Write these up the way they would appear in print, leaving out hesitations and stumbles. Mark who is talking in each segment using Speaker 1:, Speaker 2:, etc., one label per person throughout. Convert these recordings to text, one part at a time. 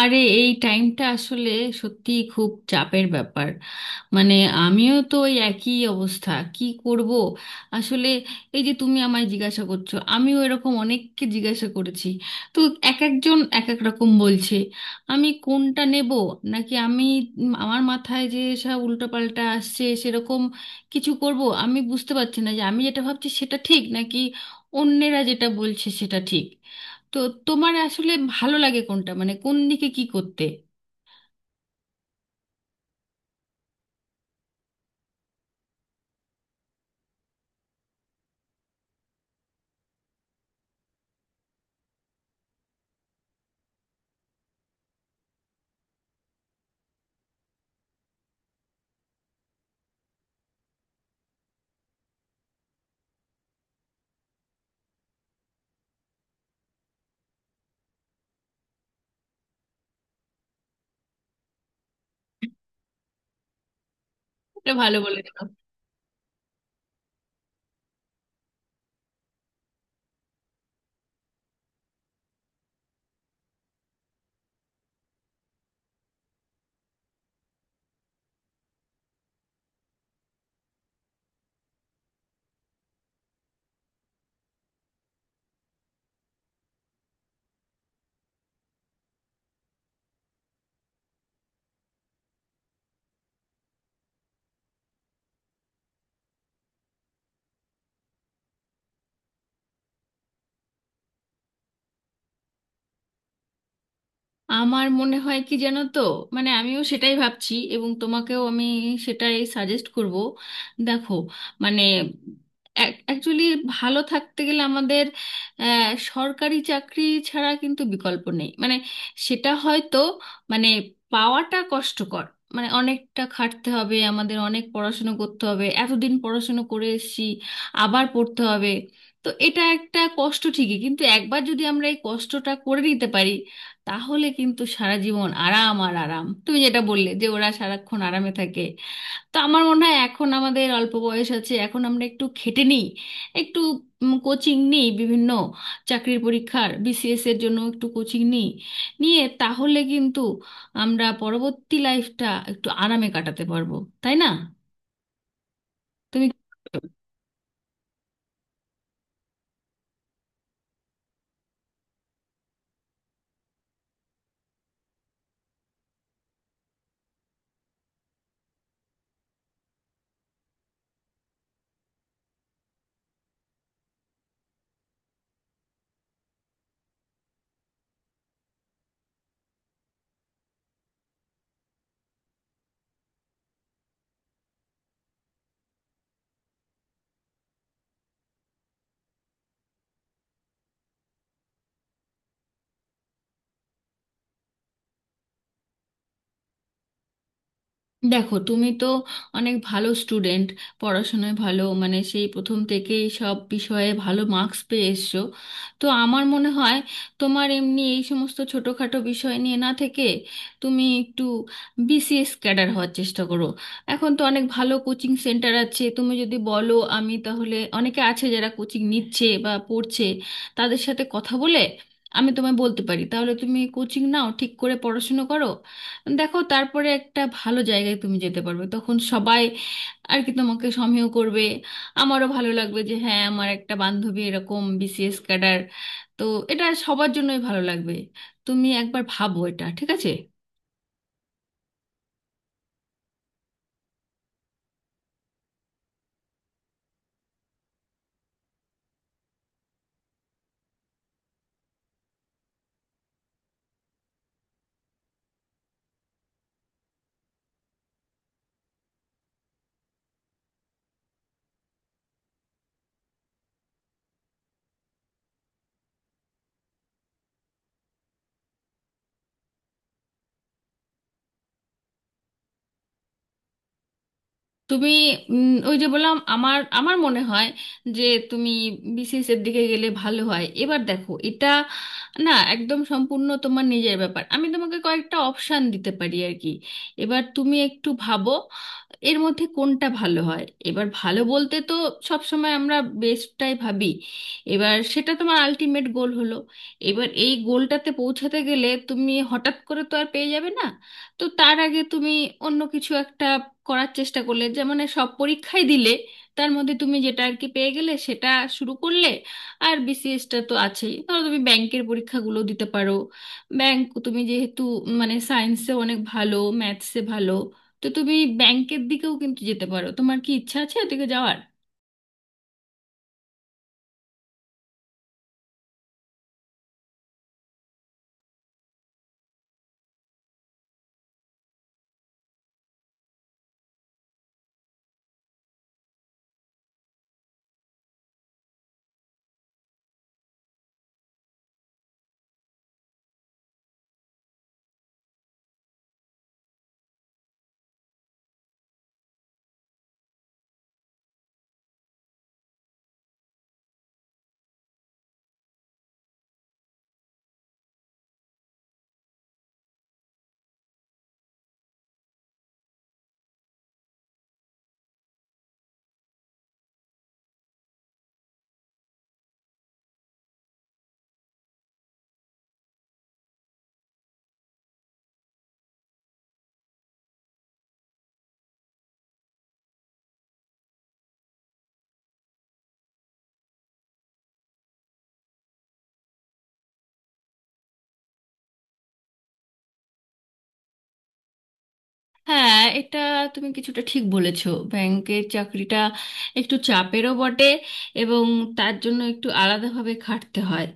Speaker 1: আরে এই টাইমটা আসলে সত্যি খুব চাপের ব্যাপার। মানে আমিও তো ওই একই অবস্থা, কি করব? আসলে এই যে তুমি আমায় জিজ্ঞাসা করছো, আমিও এরকম অনেককে জিজ্ঞাসা করেছি। তো এক একজন এক এক রকম বলছে, আমি কোনটা নেব? নাকি আমি আমার মাথায় যে সব উল্টোপাল্টা আসছে সেরকম কিছু করব? আমি বুঝতে পারছি না যে আমি যেটা ভাবছি সেটা ঠিক নাকি অন্যেরা যেটা বলছে সেটা ঠিক। তো তোমার আসলে ভালো লাগে কোনটা, মানে কোন দিকে কি করতে এটা ভালো বলে? আমার মনে হয় কি জানো তো, মানে আমিও সেটাই ভাবছি, এবং তোমাকেও আমি সেটাই সাজেস্ট করব। দেখো, মানে অ্যাকচুয়ালি ভালো থাকতে গেলে আমাদের সরকারি চাকরি ছাড়া কিন্তু বিকল্প নেই। মানে সেটা হয়তো মানে পাওয়াটা কষ্টকর, মানে অনেকটা খাটতে হবে আমাদের, অনেক পড়াশুনো করতে হবে, এতদিন পড়াশুনো করে এসেছি আবার পড়তে হবে। তো এটা একটা কষ্ট ঠিকই, কিন্তু একবার যদি আমরা এই কষ্টটা করে নিতে পারি তাহলে কিন্তু সারা জীবন আরাম আর আরাম। তুমি যেটা বললে যে ওরা সারাক্ষণ আরামে থাকে, তো আমার মনে হয় এখন আমাদের অল্প বয়স আছে, এখন আমরা একটু খেটে নিই, একটু কোচিং নিই, বিভিন্ন চাকরির পরীক্ষার বিসিএস এর জন্য একটু কোচিং নিই। নিয়ে তাহলে কিন্তু আমরা পরবর্তী লাইফটা একটু আরামে কাটাতে পারবো, তাই না? তুমি দেখো, তুমি তো অনেক ভালো স্টুডেন্ট, পড়াশোনায় ভালো, মানে সেই প্রথম থেকেই সব বিষয়ে ভালো মার্কস পেয়ে এসছো। তো আমার মনে হয় তোমার এমনি এই সমস্ত ছোটোখাটো বিষয় নিয়ে না থেকে তুমি একটু বিসিএস ক্যাডার হওয়ার চেষ্টা করো। এখন তো অনেক ভালো কোচিং সেন্টার আছে, তুমি যদি বলো আমি তাহলে অনেকে আছে যারা কোচিং নিচ্ছে বা পড়ছে তাদের সাথে কথা বলে আমি তোমায় বলতে পারি, তাহলে তুমি কোচিং নাও, ঠিক করে পড়াশুনো করো। দেখো তারপরে একটা ভালো জায়গায় তুমি যেতে পারবে, তখন সবাই আর কি তোমাকে সমীহ করবে। আমারও ভালো লাগবে যে হ্যাঁ আমার একটা বান্ধবী এরকম বিসিএস ক্যাডার। তো এটা সবার জন্যই ভালো লাগবে, তুমি একবার ভাবো, এটা ঠিক আছে? তুমি ওই যে বললাম, আমার আমার মনে হয় যে তুমি বিসিএস এর দিকে গেলে ভালো হয়। এবার দেখো, এটা না একদম সম্পূর্ণ তোমার নিজের ব্যাপার, আমি তোমাকে কয়েকটা অপশান দিতে পারি আর কি। এবার তুমি একটু ভাবো এর মধ্যে কোনটা ভালো হয়। এবার ভালো বলতে তো সব সময় আমরা বেস্টটাই ভাবি, এবার সেটা তোমার আলটিমেট গোল হলো। এবার এই গোলটাতে পৌঁছাতে গেলে তুমি হঠাৎ করে তো আর পেয়ে যাবে না, তো তার আগে তুমি অন্য কিছু একটা করার চেষ্টা করলে, যেমন সব পরীক্ষাই দিলে, তার মধ্যে তুমি যেটা আর কি পেয়ে গেলে সেটা শুরু করলে। আর বিসিএসটা তো আছেই। ধরো তুমি ব্যাংকের পরীক্ষাগুলো দিতে পারো, ব্যাংক তুমি যেহেতু মানে সায়েন্সে অনেক ভালো, ম্যাথসে ভালো, তো তুমি ব্যাংকের দিকেও কিন্তু যেতে পারো। তোমার কি ইচ্ছা আছে ওদিকে যাওয়ার? হ্যাঁ, এটা তুমি কিছুটা ঠিক বলেছো, ব্যাংকের চাকরিটা একটু চাপেরও বটে এবং তার জন্য একটু আলাদাভাবে খাটতে হয়।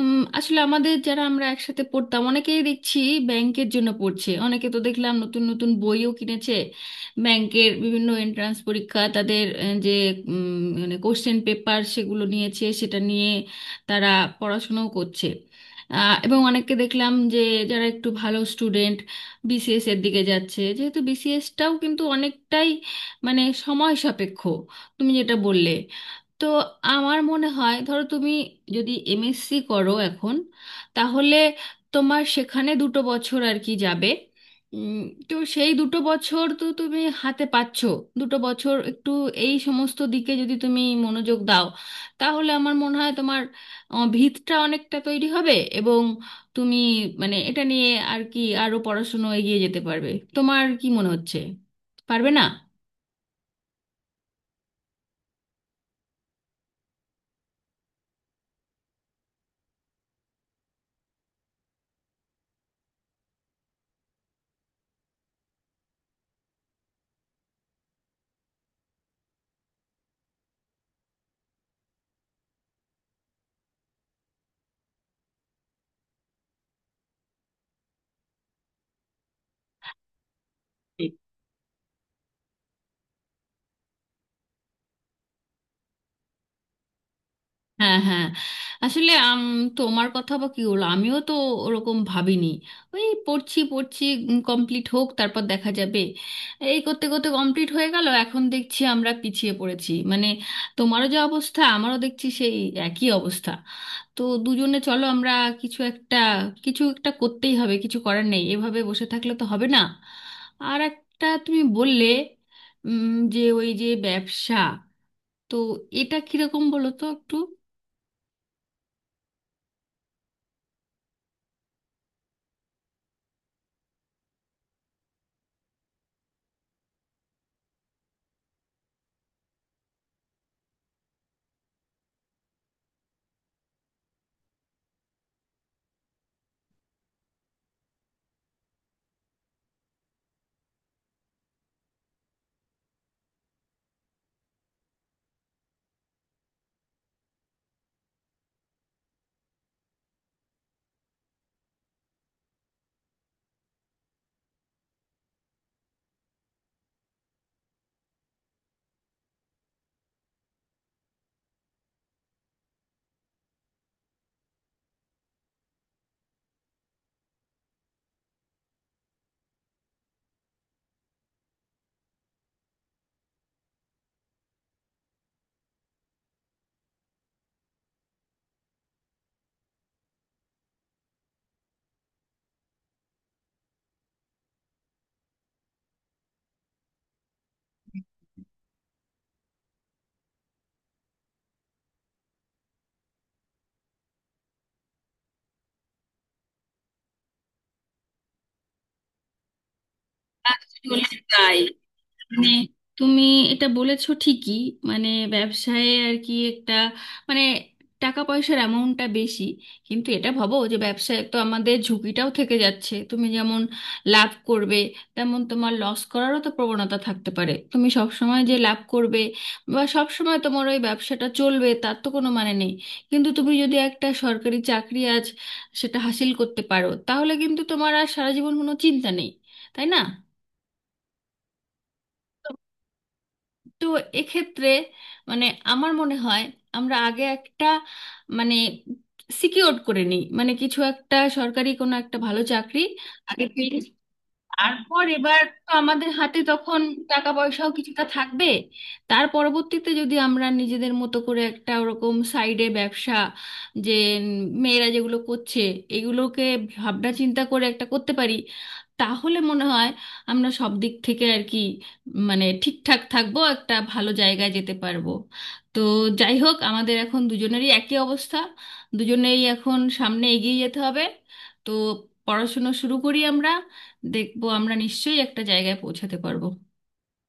Speaker 1: আসলে আমাদের যারা আমরা একসাথে পড়তাম অনেকেই দেখছি ব্যাংকের জন্য পড়ছে, অনেকে তো দেখলাম নতুন নতুন বইও কিনেছে, ব্যাংকের বিভিন্ন এন্ট্রান্স পরীক্ষা তাদের যে মানে কোশ্চেন পেপার সেগুলো নিয়েছে, সেটা নিয়ে তারা পড়াশোনাও করছে। এবং অনেককে দেখলাম যে যারা একটু ভালো স্টুডেন্ট বিসিএস এর দিকে যাচ্ছে, যেহেতু বিসিএসটাও কিন্তু অনেকটাই মানে সময় সাপেক্ষ, তুমি যেটা বললে। তো আমার মনে হয় ধরো তুমি যদি এমএসসি করো এখন, তাহলে তোমার সেখানে দুটো বছর আর কি যাবে, উম, তো সেই দুটো বছর তো তুমি হাতে পাচ্ছো, দুটো বছর একটু এই সমস্ত দিকে যদি তুমি মনোযোগ দাও তাহলে আমার মনে হয় তোমার ভিতটা অনেকটা তৈরি হবে, এবং তুমি মানে এটা নিয়ে আর কি আরো পড়াশুনো এগিয়ে যেতে পারবে। তোমার কি মনে হচ্ছে, পারবে না? ঠিক। হ্যাঁ হ্যাঁ, আসলে তোমার কথা বা কি হলো, আমিও তো ওরকম ভাবিনি, ওই পড়ছি পড়ছি কমপ্লিট হোক তারপর দেখা যাবে, এই করতে করতে কমপ্লিট হয়ে গেল, এখন দেখছি আমরা পিছিয়ে পড়েছি। মানে তোমারও যে অবস্থা আমারও দেখছি সেই একই অবস্থা। তো দুজনে চলো আমরা কিছু একটা, কিছু একটা করতেই হবে, কিছু করার নেই এভাবে বসে থাকলে তো হবে না। আর একটা তুমি বললে উম, যে ওই যে ব্যবসা, তো এটা কিরকম বলো তো একটু। আসলে তাই, মানে তুমি এটা বলেছো ঠিকই, মানে ব্যবসায় আর কি একটা মানে টাকা পয়সার অ্যামাউন্টটা বেশি, কিন্তু এটা ভাবো যে ব্যবসায় তো আমাদের ঝুঁকিটাও থেকে যাচ্ছে। তুমি যেমন লাভ করবে, তেমন তোমার লস করারও তো প্রবণতা থাকতে পারে। তুমি সব সময় যে লাভ করবে বা সব সময় তোমার ওই ব্যবসাটা চলবে তার তো কোনো মানে নেই। কিন্তু তুমি যদি একটা সরকারি চাকরি আজ সেটা হাসিল করতে পারো তাহলে কিন্তু তোমার আর সারা জীবন কোনো চিন্তা নেই, তাই না? তো এক্ষেত্রে মানে আমার মনে হয় আমরা আগে একটা মানে সিকিওর করে নিই, মানে কিছু একটা সরকারি কোনো একটা ভালো চাকরি আগে, তারপর এবার তো আমাদের হাতে তখন টাকা পয়সাও কিছুটা থাকবে, তার পরবর্তীতে যদি আমরা নিজেদের মতো করে একটা ওরকম সাইডে ব্যবসা যে উম, মেয়েরা যেগুলো করছে এগুলোকে ভাবনা চিন্তা করে একটা করতে পারি, তাহলে মনে হয় আমরা সব দিক থেকে আর কি মানে ঠিকঠাক থাকবো, একটা ভালো জায়গায় যেতে পারবো। তো যাই হোক, আমাদের এখন দুজনেরই একই অবস্থা, দুজনেই এখন সামনে এগিয়ে যেতে হবে। তো পড়াশুনো শুরু করি আমরা, দেখবো আমরা নিশ্চয়ই একটা জায়গায় পৌঁছাতে পারবো।